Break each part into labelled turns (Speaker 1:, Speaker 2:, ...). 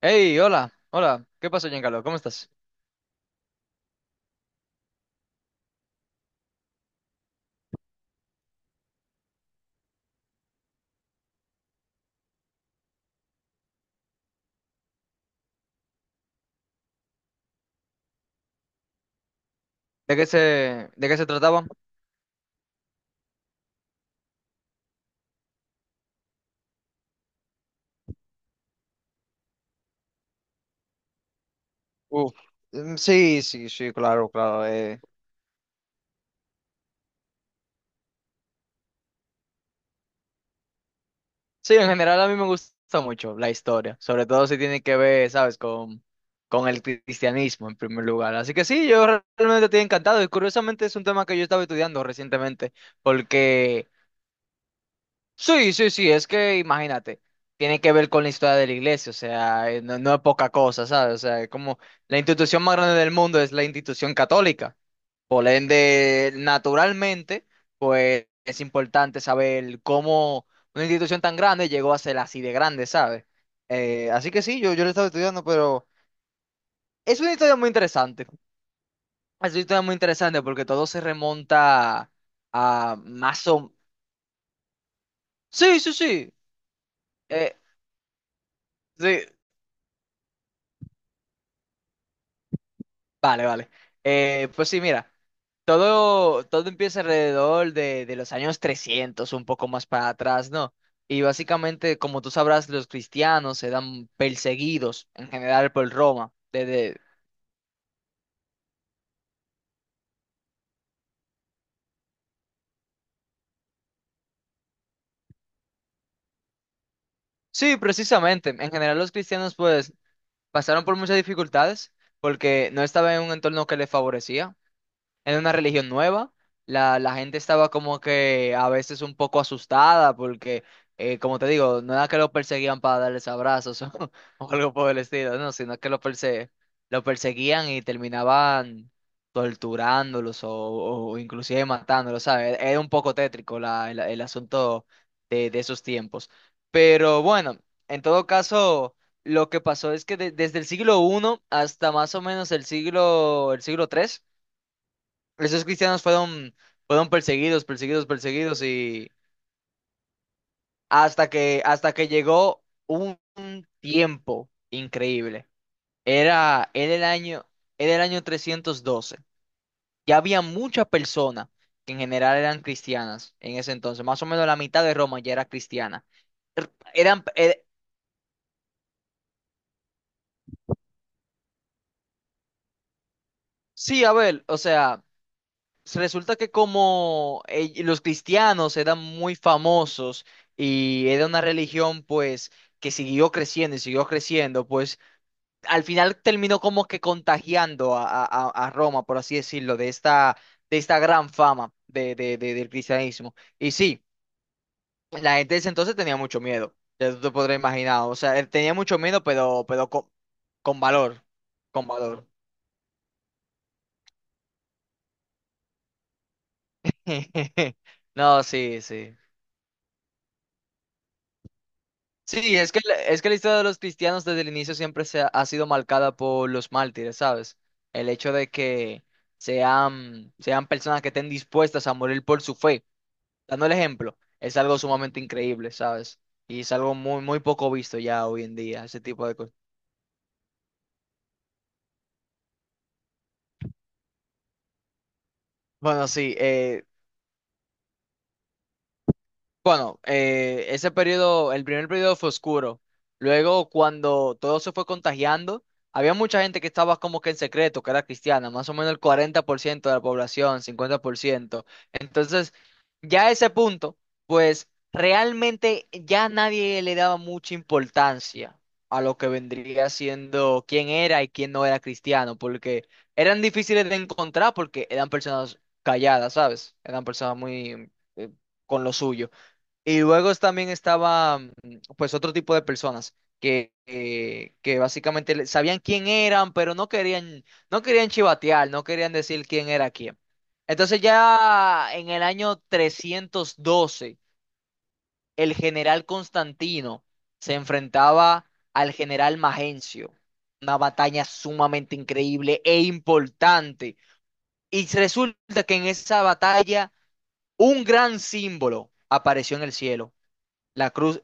Speaker 1: Hey, hola, hola, ¿qué pasó, Giancarlo? ¿Cómo estás? ¿De qué se, ¿De qué se trataba? Uf, mm, sí, sí, sí, claro, claro. Sí, en general a mí me gusta mucho la historia, sobre todo si tiene que ver, ¿sabes?, con el cristianismo en primer lugar. Así que sí, yo realmente estoy encantado y curiosamente es un tema que yo estaba estudiando recientemente, porque sí, sí, sí, es que imagínate, tiene que ver con la historia de la iglesia, o sea, no, no es poca cosa, ¿sabes? O sea, es como la institución más grande del mundo es la institución católica. Por ende, naturalmente, pues es importante saber cómo una institución tan grande llegó a ser así de grande, ¿sabes? Así que sí, yo lo estaba estudiando, pero es una historia muy interesante. Es una historia muy interesante porque todo se remonta a más o... Sí, sí, sí. Eh, sí, vale, vale. Pues sí, mira. Todo empieza alrededor de los años 300 un poco más para atrás, ¿no? Y básicamente, como tú sabrás, los cristianos se dan perseguidos en general por Roma. Desde... Sí, precisamente. En general, los cristianos, pues, pasaron por muchas dificultades porque no estaban en un entorno que les favorecía. En una religión nueva. La gente estaba como que a veces un poco asustada porque, como te digo, no era que lo perseguían para darles abrazos o algo por el estilo, no, sino que lo perseguían y terminaban torturándolos o inclusive matándolos, ¿sabes? Era un poco tétrico el asunto de esos tiempos. Pero bueno, en todo caso, lo que pasó es que desde el siglo I hasta más o menos el siglo tres, esos cristianos fueron, perseguidos, perseguidos, perseguidos, y hasta que llegó un tiempo increíble. Era, era el año, era el año 312. Ya había muchas personas que en general eran cristianas en ese entonces. Más o menos la mitad de Roma ya era cristiana. Eran, sí, a ver, o sea, pues, resulta que como los cristianos eran muy famosos y era una religión, pues, que siguió creciendo y siguió creciendo, pues al final terminó como que contagiando a Roma, por así decirlo, de esta gran fama del cristianismo. Y sí, la gente de ese entonces tenía mucho miedo, ya tú te podrás imaginar, o sea, tenía mucho miedo, pero con valor, con valor. No, sí, sí. Sí, es que la historia de los cristianos desde el inicio siempre se ha sido marcada por los mártires, ¿sabes? El hecho de que sean personas que estén dispuestas a morir por su fe, dando el ejemplo, es algo sumamente increíble, ¿sabes? Y es algo muy, muy poco visto ya hoy en día, ese tipo de cosas. Bueno, sí, bueno, ese periodo, el primer periodo fue oscuro. Luego, cuando todo se fue contagiando, había mucha gente que estaba como que en secreto, que era cristiana, más o menos el 40% de la población, 50%. Entonces, ya a ese punto, pues realmente ya nadie le daba mucha importancia a lo que vendría siendo quién era y quién no era cristiano, porque eran difíciles de encontrar porque eran personas calladas, ¿sabes? Eran personas muy con lo suyo. Y luego también estaba, pues, otro tipo de personas que básicamente sabían quién eran, pero no querían, no querían chivatear, no querían decir quién era quién. Entonces, ya en el año 312, el general Constantino se enfrentaba al general Magencio. Una batalla sumamente increíble e importante. Y resulta que en esa batalla un gran símbolo apareció en el cielo. La cruz.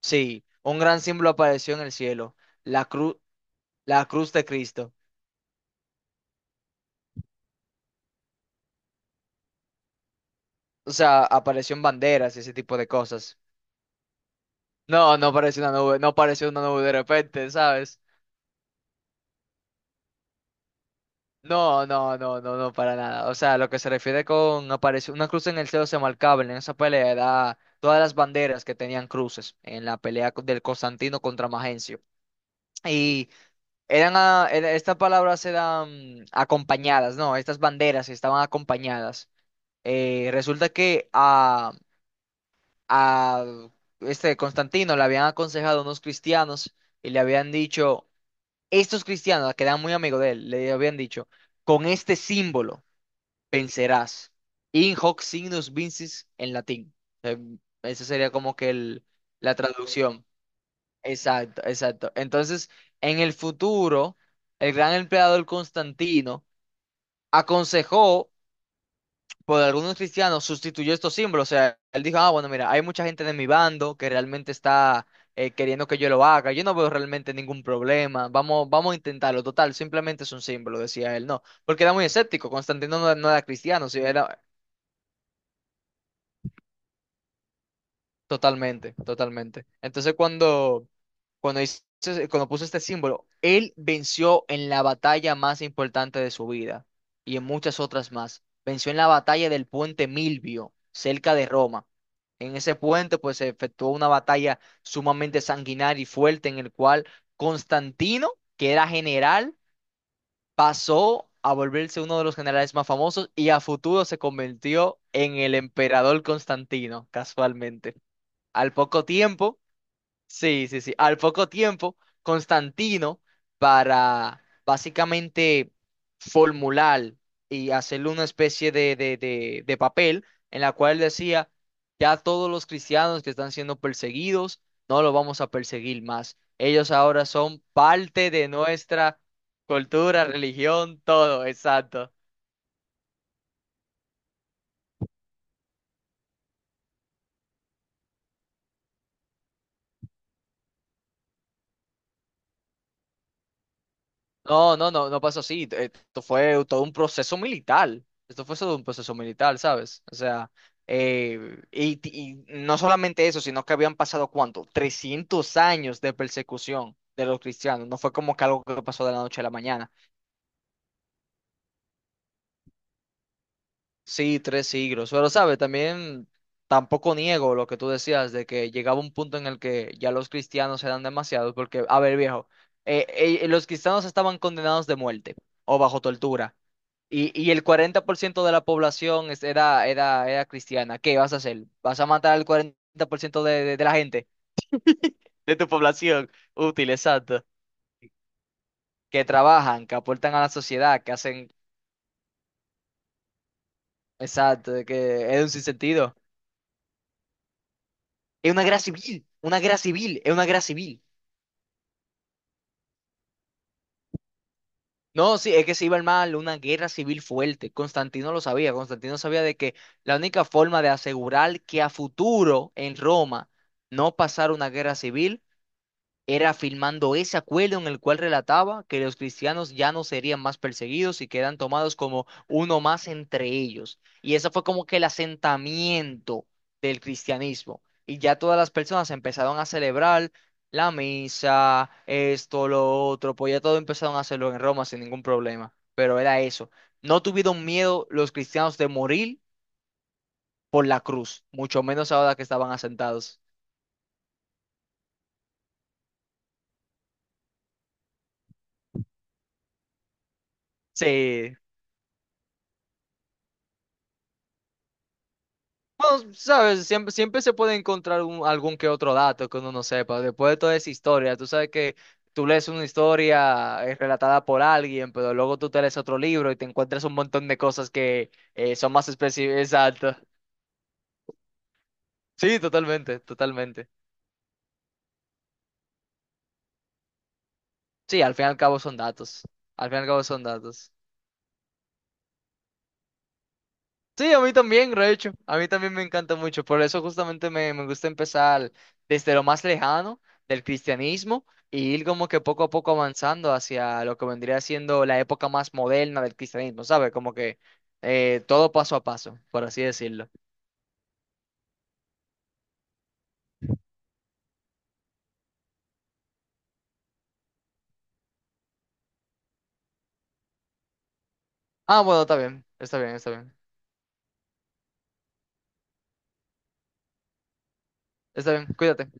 Speaker 1: Sí, un gran símbolo apareció en el cielo, la cruz, la cruz de Cristo. O sea, apareció en banderas y ese tipo de cosas. No, no apareció una nube, no apareció una nube de repente, ¿sabes? No, no, no, no, no, para nada. O sea, lo que se refiere con apareció una cruz en el cielo se marcaba en esa pelea, era todas las banderas que tenían cruces en la pelea del Constantino contra Magencio. Y estas palabras eran acompañadas, ¿no? Estas banderas estaban acompañadas. Resulta que a este Constantino le habían aconsejado unos cristianos y le habían dicho, estos cristianos que eran muy amigos de él, le habían dicho, con este símbolo vencerás. In hoc signus vincis, en latín. Eh, Esa sería como que la traducción. Exacto, exacto. Entonces, en el futuro, el gran emperador Constantino, aconsejó por algunos cristianos, sustituyó estos símbolos. O sea, él dijo, ah, bueno, mira, hay mucha gente de mi bando que realmente está queriendo que yo lo haga. Yo no veo realmente ningún problema. Vamos, vamos a intentarlo. Total, simplemente es un símbolo, decía él. No, porque era muy escéptico. Constantino no, no era cristiano, sí, era. Totalmente, totalmente. Entonces, cuando, hice- cuando puso este símbolo, él venció en la batalla más importante de su vida y en muchas otras más. Venció en la batalla del puente Milvio, cerca de Roma. En ese puente, pues, se efectuó una batalla sumamente sanguinaria y fuerte, en el cual Constantino, que era general, pasó a volverse uno de los generales más famosos, y a futuro se convirtió en el emperador Constantino, casualmente. Al poco tiempo, sí, sí, sí, al poco tiempo, Constantino, para básicamente formular y hacerle una especie de papel en la cual decía, ya todos los cristianos que están siendo perseguidos, no los vamos a perseguir más. Ellos ahora son parte de nuestra cultura, religión, todo, exacto. No, no, no, no pasó así. Esto fue todo un proceso militar. Esto fue todo un proceso militar, ¿sabes? O sea, y no solamente eso, sino que habían pasado, ¿cuánto?, 300 años de persecución de los cristianos. No fue como que algo que pasó de la noche a la mañana. Sí, 3 siglos. Pero, ¿sabes? También tampoco niego lo que tú decías de que llegaba un punto en el que ya los cristianos eran demasiados, porque, a ver, viejo, eh, los cristianos estaban condenados de muerte o bajo tortura. Y el 40% de la población era cristiana. ¿Qué vas a hacer? ¿Vas a matar al 40% de, de la gente, de tu población? Útil, exacto. Que trabajan, que aportan a la sociedad, que hacen... Exacto, de que es un sinsentido. Es una guerra civil, es una guerra civil. No, sí, es que se iba a mal, una guerra civil fuerte. Constantino lo sabía, Constantino sabía de que la única forma de asegurar que a futuro en Roma no pasara una guerra civil era firmando ese acuerdo, en el cual relataba que los cristianos ya no serían más perseguidos y quedan tomados como uno más entre ellos. Y eso fue como que el asentamiento del cristianismo. Y ya todas las personas empezaron a celebrar la misa, esto, lo otro, pues ya todo empezaron a hacerlo en Roma sin ningún problema. Pero era eso. No tuvieron miedo los cristianos de morir por la cruz, mucho menos ahora que estaban asentados. Sí. Bueno, sabes, siempre, siempre se puede encontrar algún que otro dato que uno no sepa. Después de toda esa historia, tú sabes que tú lees una historia relatada por alguien, pero luego tú te lees otro libro y te encuentras un montón de cosas que son más específicas. Exacto. Sí, totalmente, totalmente. Sí, al fin y al cabo son datos. Al fin y al cabo son datos. Sí, a mí también, de hecho, a mí también me encanta mucho, por eso justamente me gusta empezar desde lo más lejano del cristianismo y ir como que poco a poco avanzando hacia lo que vendría siendo la época más moderna del cristianismo, ¿sabes? Como que todo paso a paso, por así decirlo. Ah, bueno, está bien, está bien, está bien, está bien, cuídate.